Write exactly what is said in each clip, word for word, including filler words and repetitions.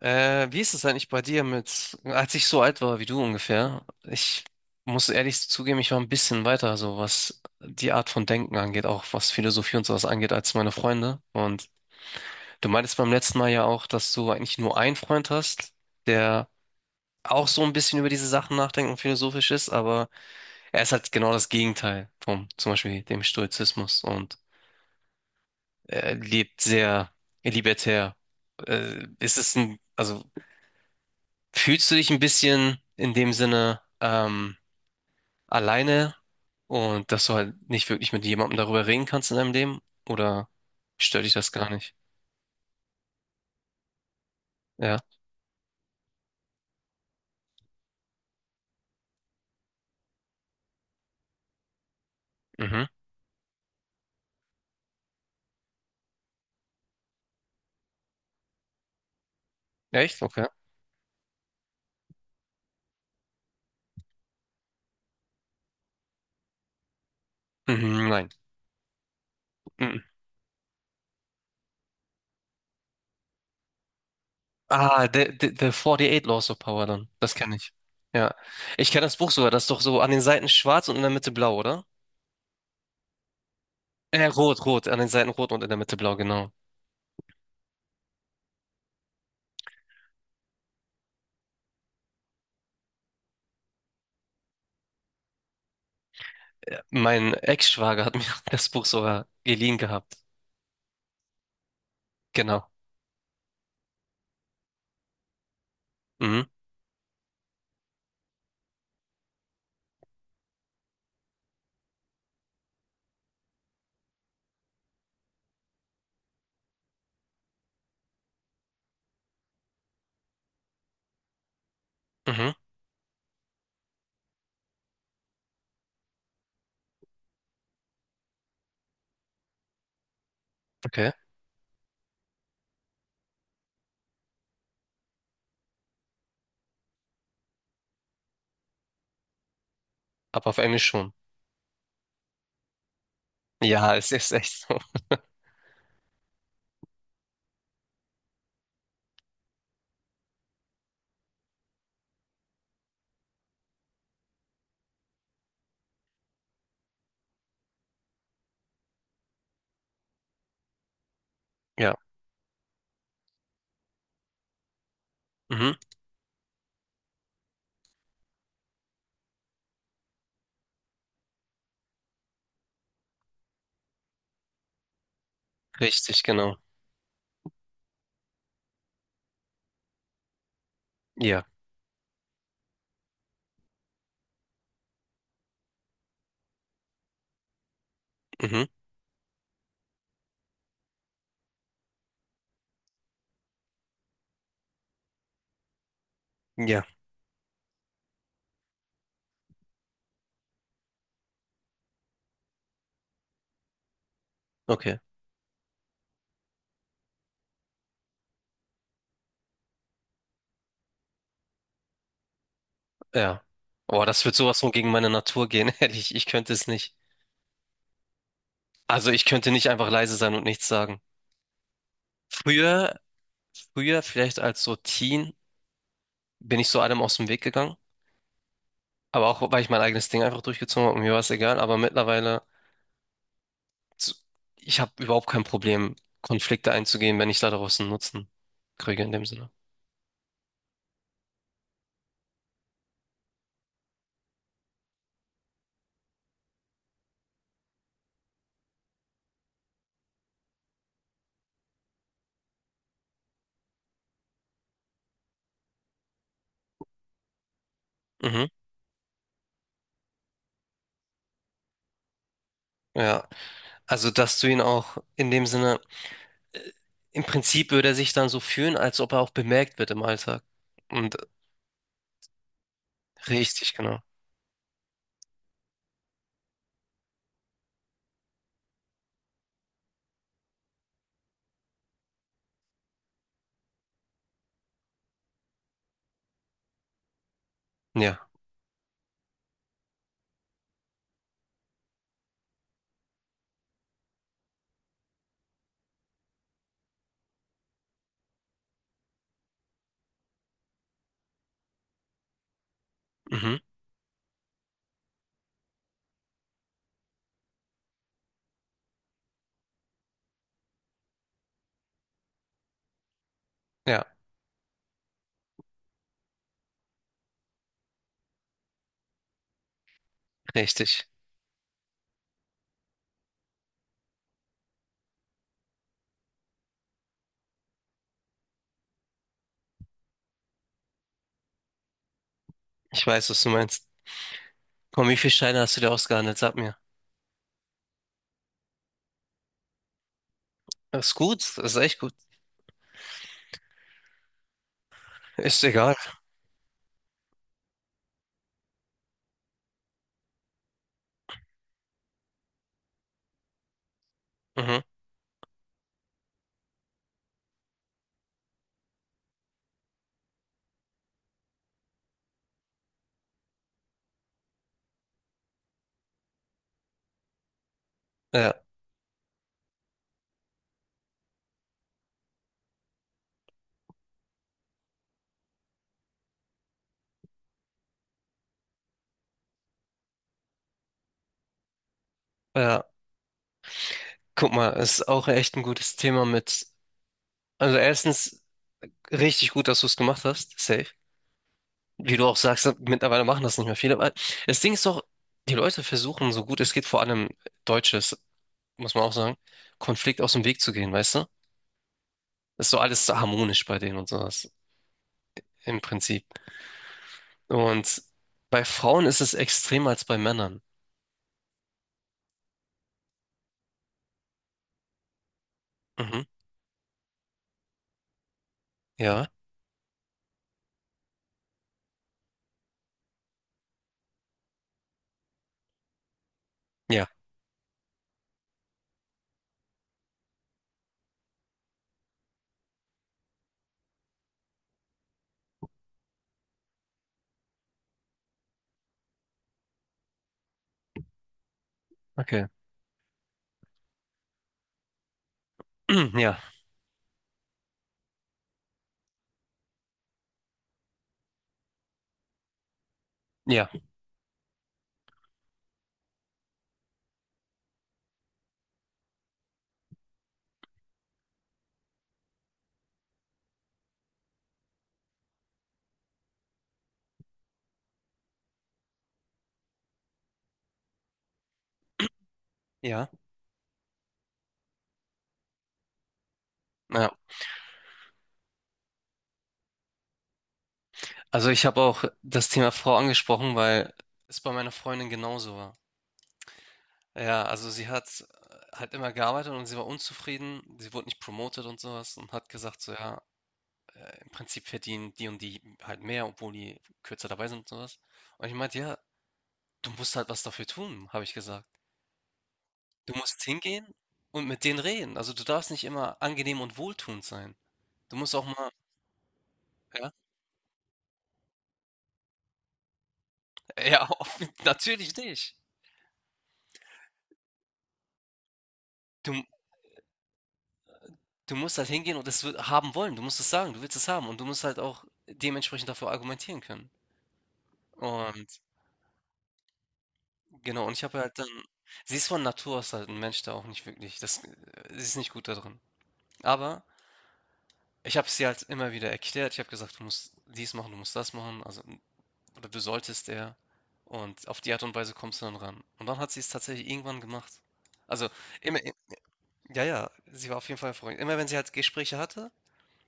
Äh, wie ist es eigentlich bei dir mit, als ich so alt war wie du ungefähr? Ich muss ehrlich zugeben, ich war ein bisschen weiter, so was die Art von Denken angeht, auch was Philosophie und sowas angeht, als meine Freunde. Und du meintest beim letzten Mal ja auch, dass du eigentlich nur einen Freund hast, der auch so ein bisschen über diese Sachen nachdenkt und philosophisch ist, aber er ist halt genau das Gegenteil vom, zum Beispiel dem Stoizismus, und er lebt sehr libertär. Äh, ist es ein, also fühlst du dich ein bisschen in dem Sinne ähm, alleine, und dass du halt nicht wirklich mit jemandem darüber reden kannst in deinem Leben? Oder stört dich das gar nicht? Ja. Mhm. Echt? Okay. Mhm, nein. Mhm. Ah, The, The, The eight Laws of Power dann. Das kenne ich. Ja. Ich kenne das Buch sogar. Das ist doch so an den Seiten schwarz und in der Mitte blau, oder? Äh, rot, rot. An den Seiten rot und in der Mitte blau, genau. Äh, Mein Ex-Schwager hat mir das Buch sogar geliehen gehabt. Genau. Mhm. Mhm. Okay. Aber auf Englisch schon. Ja, es ist echt so. Ja. Mhm. Richtig, genau. Ja. Mhm. Ja. Okay. Ja. Oh, das wird sowas von gegen meine Natur gehen, ehrlich. Ich könnte es nicht. Also ich könnte nicht einfach leise sein und nichts sagen. Früher, früher, vielleicht als so Teen, bin ich so allem aus dem Weg gegangen. Aber auch, weil ich mein eigenes Ding einfach durchgezogen habe und mir war es egal. Aber mittlerweile, so- ich habe überhaupt kein Problem, Konflikte einzugehen, wenn ich da draußen Nutzen kriege in dem Sinne. Mhm. Ja. Also, dass du ihn auch in dem Sinne. äh, Im Prinzip würde er sich dann so fühlen, als ob er auch bemerkt wird im Alltag. Und äh, richtig, genau. Ja, mhm. Ja, richtig. Ich weiß, was du meinst. Komm, wie viele Steine hast du dir ausgehandelt? Sag mir. Das ist gut, das ist echt gut. Ist egal. Mhm. Ja, ja. Guck mal, ist auch echt ein gutes Thema mit. Also erstens richtig gut, dass du es gemacht hast. Safe. Wie du auch sagst, mittlerweile machen das nicht mehr viele. Aber das Ding ist doch, die Leute versuchen, so gut es geht, vor allem Deutsches, muss man auch sagen, Konflikt aus dem Weg zu gehen, weißt du? Ist so alles so harmonisch bei denen und sowas, im Prinzip. Und bei Frauen ist es extremer als bei Männern. Mhm. Ja, ja, okay. Ja, ja, ja, ja. Also ich habe auch das Thema Frau angesprochen, weil es bei meiner Freundin genauso war. Ja, also sie hat äh, halt immer gearbeitet und sie war unzufrieden. Sie wurde nicht promoted und sowas und hat gesagt, so ja, äh, im Prinzip verdienen die und die halt mehr, obwohl die kürzer dabei sind und sowas. Und ich meinte, ja, du musst halt was dafür tun, habe ich gesagt. Du musst hingehen und mit denen reden. Also du darfst nicht immer angenehm und wohltuend sein. Du musst auch mal, ja, ja, auf- natürlich nicht. Du, du musst halt hingehen und es wi- haben wollen. Du musst es sagen, du willst es haben und du musst halt auch dementsprechend dafür argumentieren können. Und genau, und ich habe halt dann sie ist von Natur aus halt ein Mensch, der auch nicht wirklich das äh, sie ist nicht gut da drin. Aber ich habe sie halt immer wieder erklärt. Ich habe gesagt: „Du musst dies machen, du musst das machen, also oder du solltest eher.“ Und auf die Art und Weise kommst du dann ran. Und dann hat sie es tatsächlich irgendwann gemacht. Also, immer i ja, ja, sie war auf jeden Fall erfolgreich. Immer wenn sie halt Gespräche hatte,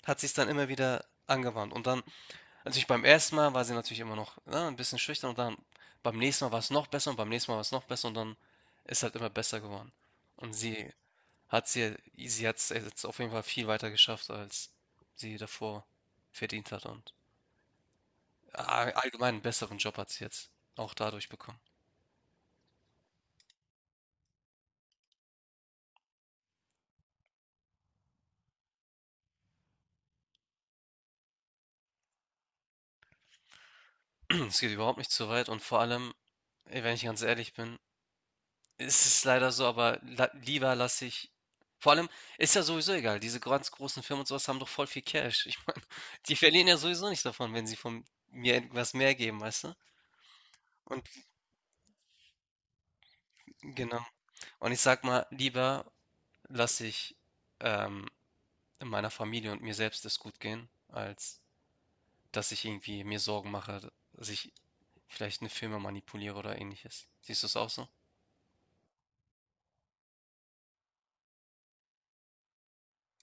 hat sie es dann immer wieder angewandt. Und dann natürlich beim ersten Mal war sie natürlich immer noch, ne, 'n bisschen schüchtern, und dann beim nächsten Mal war es noch besser und beim nächsten Mal war es noch besser und dann ist halt immer besser geworden. Und sie hat sie sie hat es jetzt auf jeden Fall viel weiter geschafft, als sie davor verdient hat, und a allgemein einen besseren Job hat sie jetzt auch dadurch bekommen. Es geht überhaupt nicht zu weit, und vor allem, ey, wenn ich ganz ehrlich bin, es ist es leider so, aber la lieber lasse ich vor allem ist ja sowieso egal. Diese ganz großen Firmen und sowas haben doch voll viel Cash. Ich meine, die verlieren ja sowieso nicht davon, wenn sie von mir etwas mehr geben, weißt du? Und genau. Und ich sag mal, lieber lasse ich ähm, meiner Familie und mir selbst es gut gehen, als dass ich irgendwie mir Sorgen mache, dass ich vielleicht eine Firma manipuliere oder ähnliches. Siehst du es auch so?